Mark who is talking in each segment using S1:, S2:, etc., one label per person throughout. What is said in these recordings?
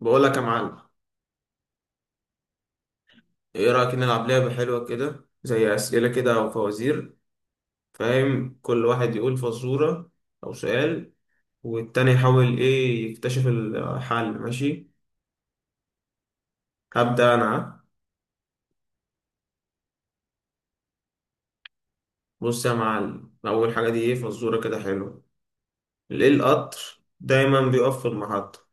S1: بقول لك يا معلم. ايه رأيك نلعب لعبة حلوة كده زي أسئلة كده أو فوازير؟ فاهم، كل واحد يقول فزورة أو سؤال، والتاني يحاول ايه يكتشف الحل. ماشي؟ هبدأ أنا ها؟ بص يا معلم، أول حاجة دي ايه فزورة كده حلوة. ليه القطر دايما بيقف في المحطة؟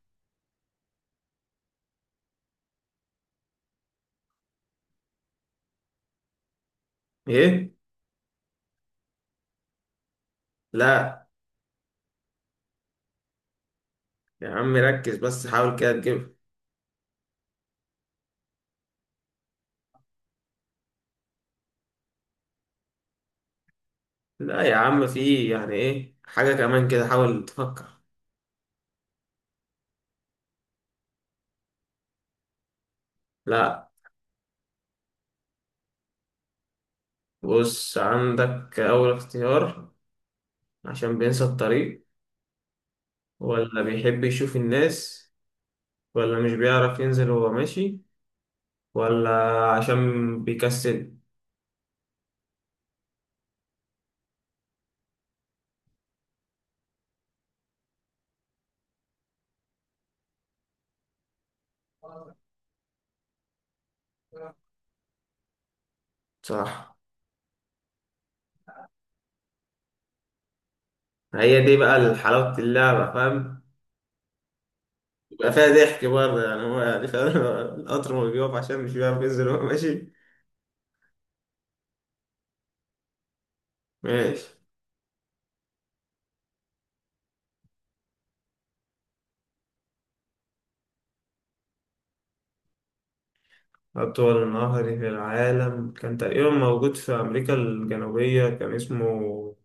S1: ايه. لا يا عم، ركز بس حاول كده تجيبها. لا يا عم، في يعني ايه حاجة كمان كده، حاول تفكر. لا. بص عندك أول اختيار، عشان بينسى الطريق، ولا بيحب يشوف الناس، ولا مش بيعرف ينزل وهو ماشي، ولا عشان بيكسل. صح. هي دي بقى حلاوة اللعبة فاهم. يبقى فيها ضحك برضه، يعني هو يعني فاهم القطر ما بيقف عشان مش بيعرف ينزل وهو ماشي. ماشي. أطول نهر في العالم كان تقريبا موجود في أمريكا الجنوبية، كان اسمه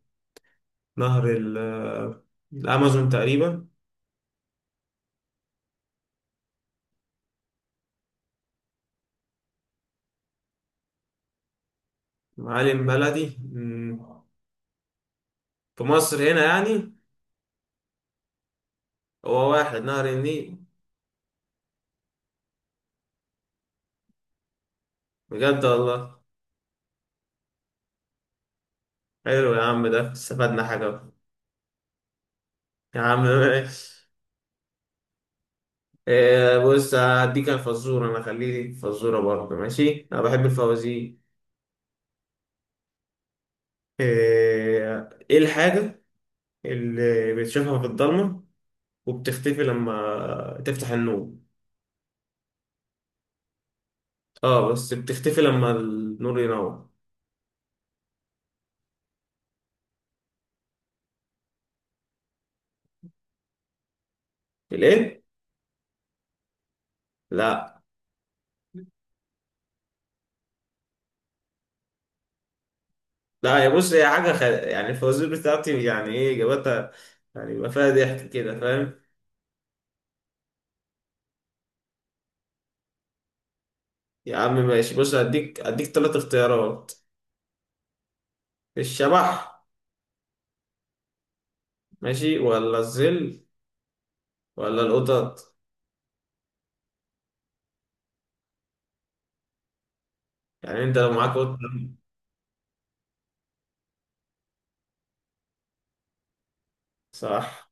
S1: نهر الأمازون تقريبا. معالم بلدي في مصر هنا يعني. هو واحد نهر النيل. بجد والله. حلو يا عم، ده استفدنا حاجة بقى. يا عم ماشي. إيه، بص، هديك أنا فزورة، أنا خليك فزورة برضه، ماشي أنا بحب الفوازير. إيه الحاجة اللي بتشوفها في الضلمة وبتختفي لما تفتح النور. اه، بس بتختفي لما النور ينور. الإيه؟ لا. لا، يا بص هي حاجة يعني الفوازير بتاعتي يعني إيه إجابتها. يعني يبقى فيها ضحك كده فاهم. يا عم ماشي، بص هديك تلات اختيارات. الشبح ماشي، ولا الظل، ولا القطط. يعني انت لو معاك قطة. صح.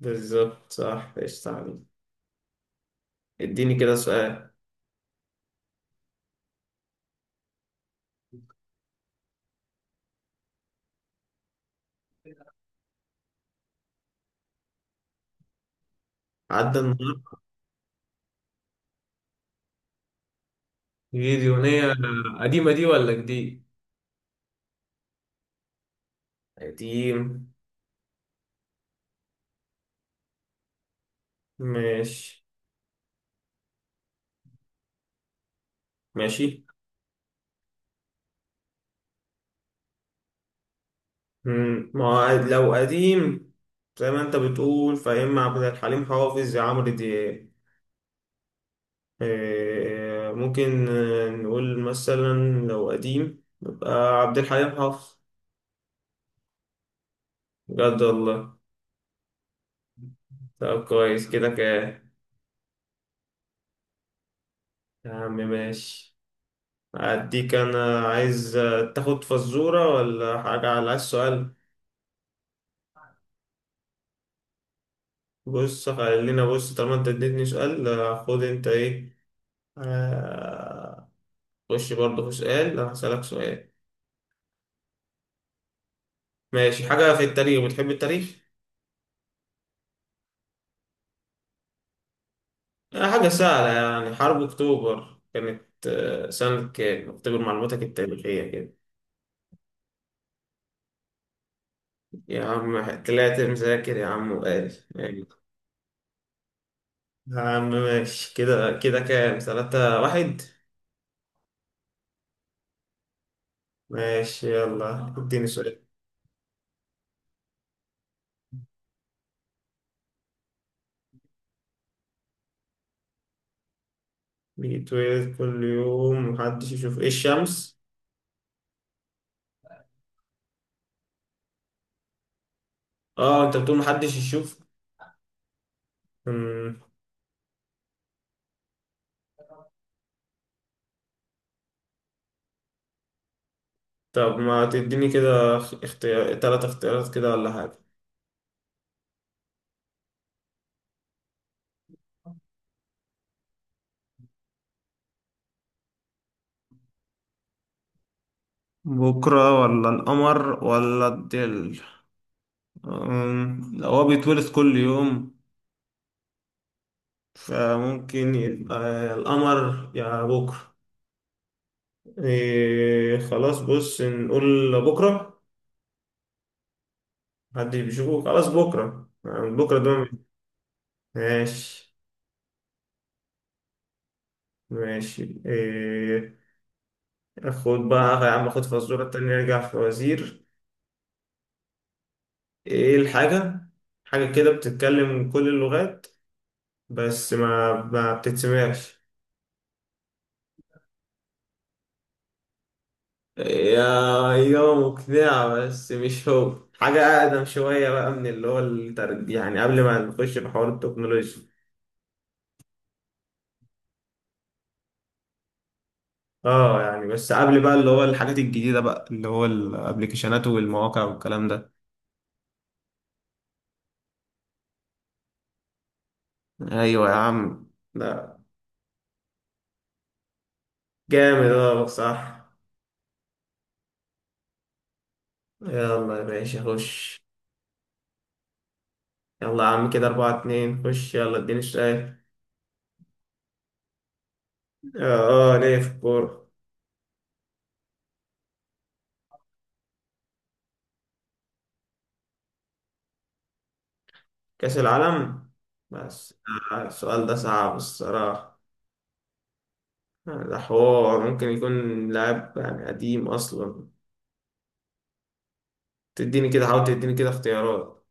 S1: بالظبط صح. ايش تعليم. اديني كده سؤال. عدى النهار. غير. قديمة دي ولا جديد؟ قديم. ماشي. ماشي. ما هو لو قديم، زي ما انت بتقول فيا، اما عبد الحليم حافظ يا عمرو دياب. ممكن نقول مثلا، لو قديم يبقى عبد الحليم حافظ. بجد والله. طب كويس كده كده. يا عم ماشي. أديك أنا، عايز تاخد فزورة ولا حاجة، على عايز سؤال. بص، خلينا بص، طالما أنت اديتني سؤال خد أنت إيه. آه، خش برضه في سؤال، أنا هسألك سؤال. ماشي، حاجة في التاريخ، بتحب التاريخ؟ حاجة سهلة، يعني حرب أكتوبر كانت سنة كام؟ أكتوبر معلوماتك التاريخية كده. يا عم طلعت مذاكر يا عم وقال. يا عم ماشي، كده كده كام؟ 3-1. ماشي يلا اديني سؤال. بيتولد كل يوم محدش يشوف، إيه الشمس؟ آه أنت بتقول محدش يشوف. مم. طب ما تديني كده اختيار، تلات اختيارات كده، ولا حاجة. بكرة، ولا القمر، ولا الظل. لو هو بيتولد كل يوم، فممكن يبقى القمر يا بكرة. إيه خلاص، بص نقول بكرة. محدش بيشوفه، خلاص بكرة، يعني بكرة ده ما بي- ماشي. ماشي إيه. أخد بقى يا عم أخد فزورة تانية أرجع في وزير. إيه الحاجة، حاجة كده بتتكلم كل اللغات بس ما بتتسمعش. يا، إجابة مقنعة، بس مش هو، حاجة أقدم شوية بقى من اللي هو يعني قبل ما نخش في حوار التكنولوجيا. اه، يعني بس قبل بقى، اللي هو الحاجات الجديدة بقى، اللي هو الابليكيشنات والمواقع والكلام ده. ايوه يا عم. لا. جامد، اه صح. يلا يا باشا خش. يلا يا عم، كده 4-2، خش يلا اديني السؤال. اه، ليه في الكورة. كأس العالم بس. السؤال ده صعب الصراحة. ده حوار ممكن يكون لاعب يعني قديم اصلا. تديني كده، حاول تديني كده اختيارات.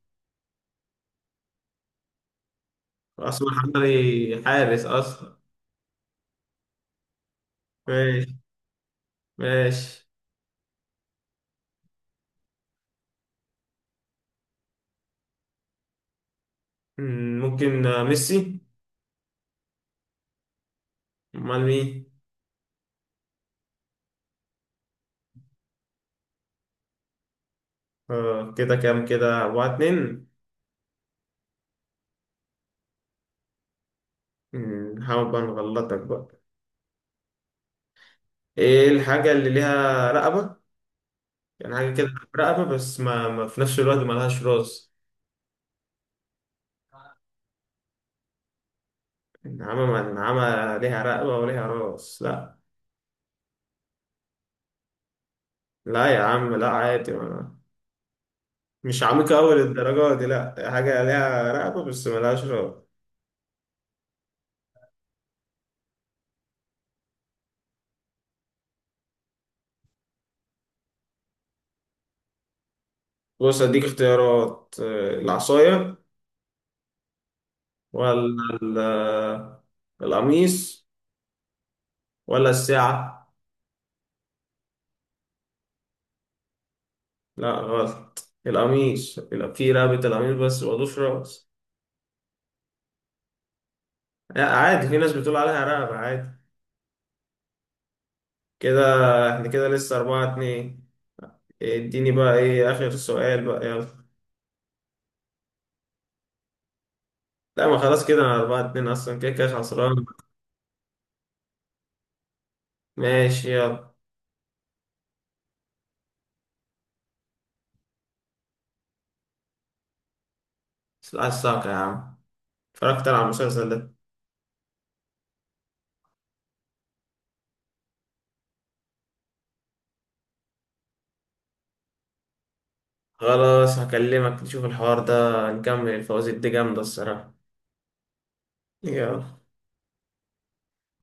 S1: اصلا حضري حارس اصلا. ماشي. ماشي. ممكن ميسي. امال مين. آه، كده كام؟ كده 4-2. نحاول بقى نغلطك بقى. ايه الحاجة اللي ليها رقبة، يعني حاجة كده، رقبة بس ما في نفس الوقت ملهاش راس. النعامة؟ ما النعامة ليها رقبة وليها راس لا. لا يا عم، لا عادي. مش عميقة أوي للدرجة دي، لأ حاجة ليها رقبة بس ملهاش رقبة. بص أديك اختيارات، العصاية، ولا ال- آه، القميص، ولا الساعة. لأ غلط، القميص يبقى في رقبة القميص بس مضوش رأس. لأ عادي، في ناس بتقول عليها رقبة عادي. كده، احنا كده لسه 4-2. اديني بقى ايه آخر سؤال بقى يلا. لا ما خلاص، كده أنا 4-2 أصلا كده كده خسران. ماشي يلا. عايز يا عم، اتفرجت على المسلسل ده. خلاص هكلمك نشوف الحوار ده، نكمل الفوازير دي جامدة الصراحة. يلا